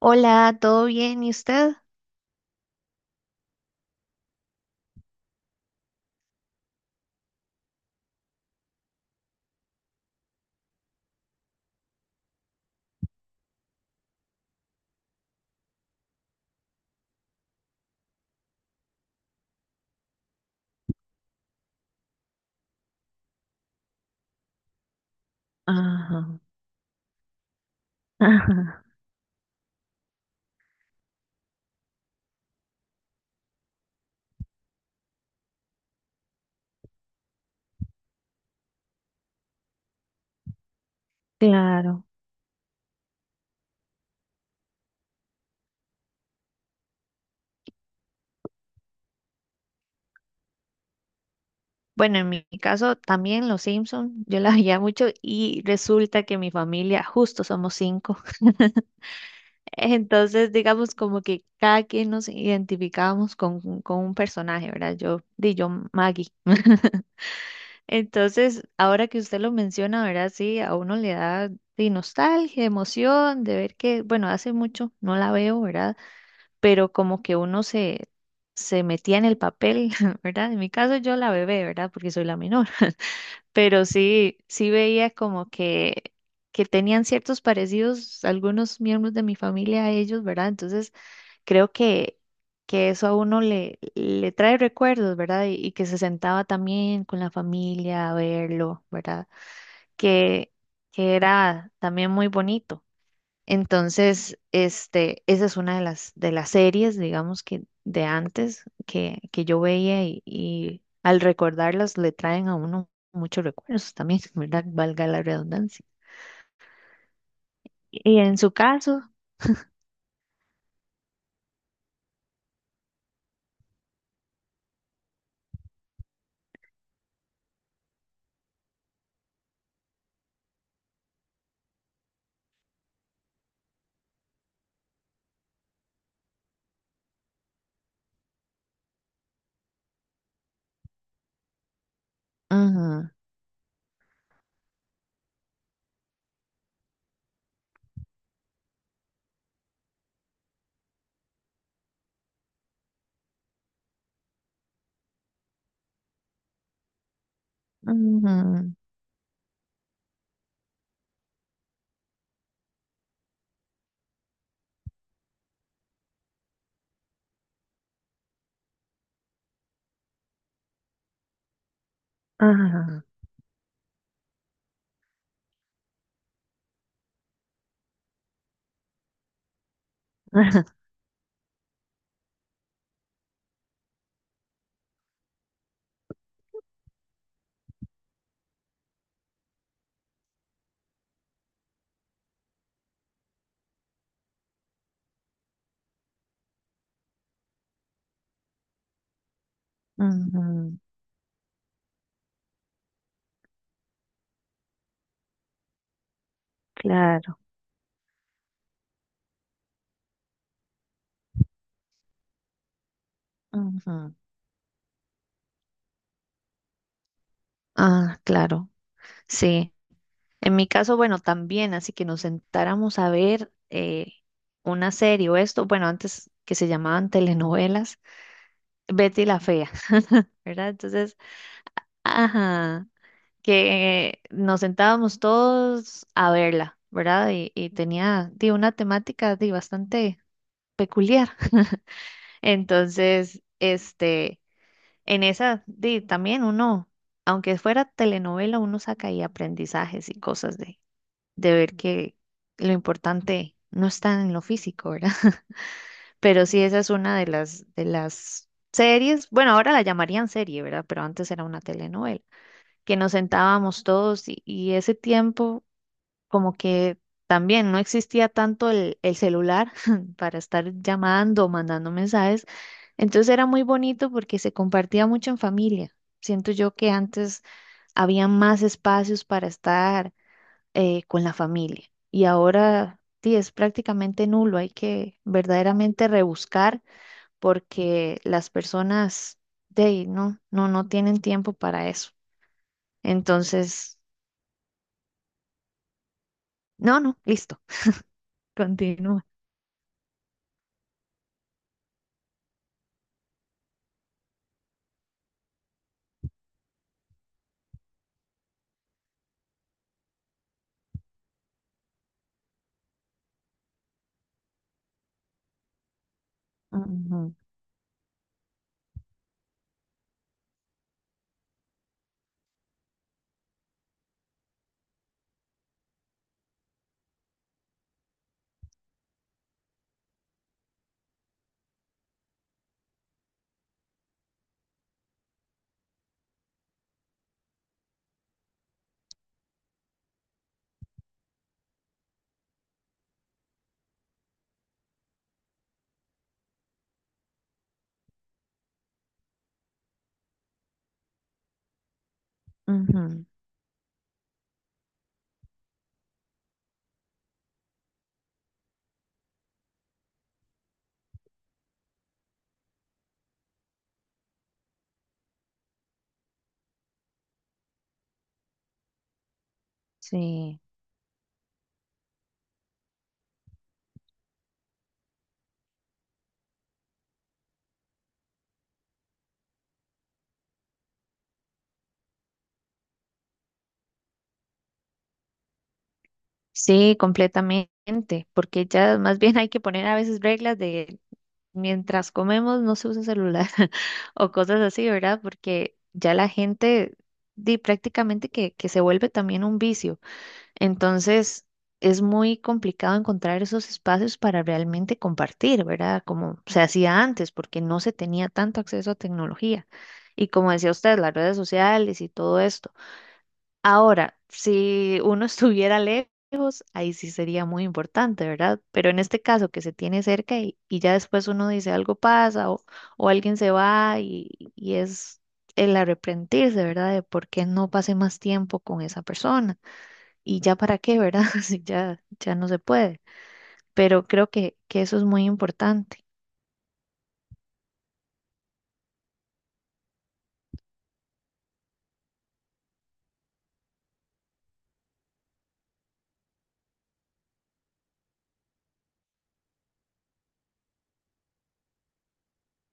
Hola, ¿todo bien? ¿Y usted? Ajá, ajá, claro. Bueno, en mi caso también los Simpson, yo la veía mucho y resulta que mi familia justo somos cinco. Entonces, digamos como que cada quien nos identificábamos con un personaje, ¿verdad? Yo, di yo Maggie. Entonces, ahora que usted lo menciona, ¿verdad? Sí, a uno le da nostalgia, emoción de ver que, bueno, hace mucho no la veo, ¿verdad? Pero como que se metía en el papel, ¿verdad? En mi caso yo la bebé, ¿verdad? Porque soy la menor, pero sí, sí veía como que tenían ciertos parecidos algunos miembros de mi familia a ellos, ¿verdad? Entonces creo que eso a uno le trae recuerdos, ¿verdad? Y que se sentaba también con la familia a verlo, ¿verdad? Que, que era también muy bonito. Entonces, esa es una de de las series, digamos, que de antes que yo veía y al recordarlas le traen a uno muchos recuerdos también, ¿verdad? Valga la redundancia. Y en su caso, ujú, ujú, ajá, ajá, ujú, claro, ujú, ah, claro, sí. En mi caso, bueno, también, así que nos sentáramos a ver una serie o esto, bueno, antes que se llamaban telenovelas Betty la fea, ¿verdad? Entonces, ajá, que nos sentábamos todos a verla, ¿verdad? Y tenía una temática bastante peculiar. Entonces, en esa, también uno, aunque fuera telenovela, uno saca ahí aprendizajes y cosas de ver que lo importante no está en lo físico, ¿verdad? Pero sí, esa es una de de las series, bueno, ahora la llamarían serie, ¿verdad? Pero antes era una telenovela. Que nos sentábamos todos y ese tiempo como que también no existía tanto el celular para estar llamando o mandando mensajes. Entonces era muy bonito porque se compartía mucho en familia. Siento yo que antes había más espacios para estar con la familia y ahora sí es prácticamente nulo. Hay que verdaderamente rebuscar porque las personas de ahí no tienen tiempo para eso. Entonces, no, no, listo. Continúa. Ujú, ujú, sí, sí, completamente, porque ya más bien hay que poner a veces reglas de mientras comemos no se usa celular o cosas así, ¿verdad? Porque ya la gente di prácticamente que se vuelve también un vicio. Entonces, es muy complicado encontrar esos espacios para realmente compartir, ¿verdad? Como se hacía antes, porque no se tenía tanto acceso a tecnología. Y como decía usted, las redes sociales y todo esto. Ahora, si uno estuviera lejos, ahí sí sería muy importante, ¿verdad? Pero en este caso que se tiene cerca y ya después uno dice algo pasa o alguien se va y es el arrepentirse, ¿verdad? De por qué no pasé más tiempo con esa persona y ya para qué, ¿verdad? Si ya, ya no se puede. Pero creo que eso es muy importante.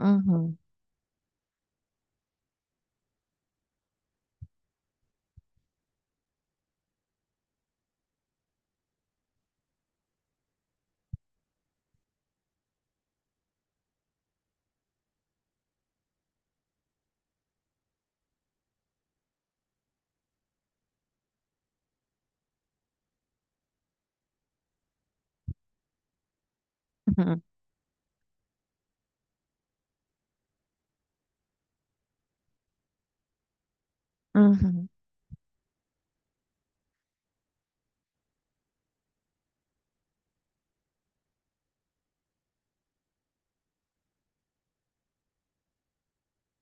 Ujú, ujú, ujú,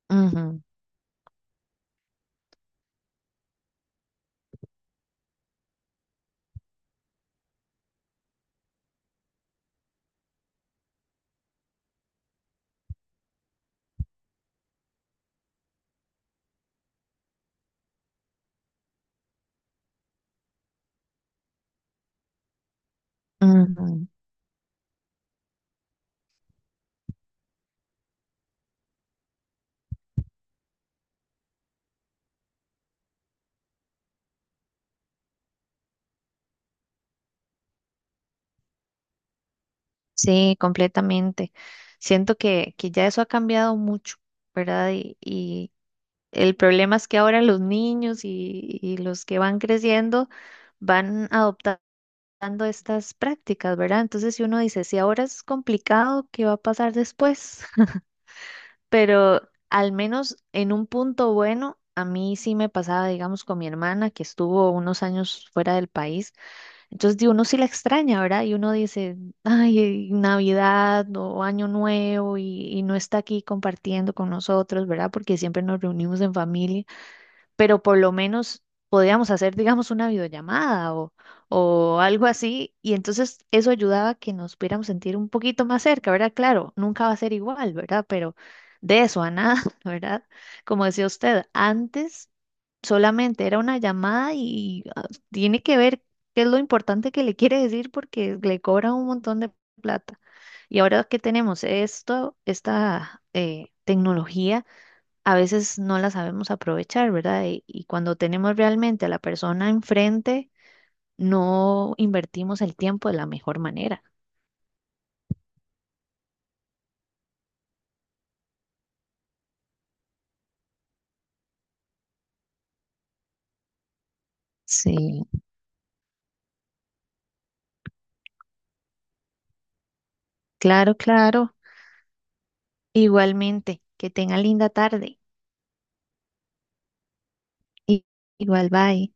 ujú, ujú. Sí, completamente. Siento que ya eso ha cambiado mucho, ¿verdad? Y el problema es que ahora los niños y los que van creciendo van adoptando estas prácticas, ¿verdad? Entonces, si uno dice, si ahora es complicado, ¿qué va a pasar después? Pero al menos en un punto bueno, a mí sí me pasaba, digamos, con mi hermana que estuvo unos años fuera del país. Entonces, uno sí la extraña, ¿verdad? Y uno dice, ay, Navidad o Año Nuevo y no está aquí compartiendo con nosotros, ¿verdad? Porque siempre nos reunimos en familia, pero por lo menos podíamos hacer, digamos, una videollamada o algo así, y entonces eso ayudaba a que nos pudiéramos sentir un poquito más cerca, ¿verdad? Claro, nunca va a ser igual, ¿verdad? Pero de eso a nada, ¿verdad? Como decía usted, antes solamente era una llamada y ah, tiene que ver qué es lo importante que le quiere decir porque le cobran un montón de plata. Y ahora que tenemos esto, esta tecnología, a veces no la sabemos aprovechar, ¿verdad? Y cuando tenemos realmente a la persona enfrente, no invertimos el tiempo de la mejor manera. Sí, claro, claro. Igualmente, que tenga linda tarde. I- Igual, bye.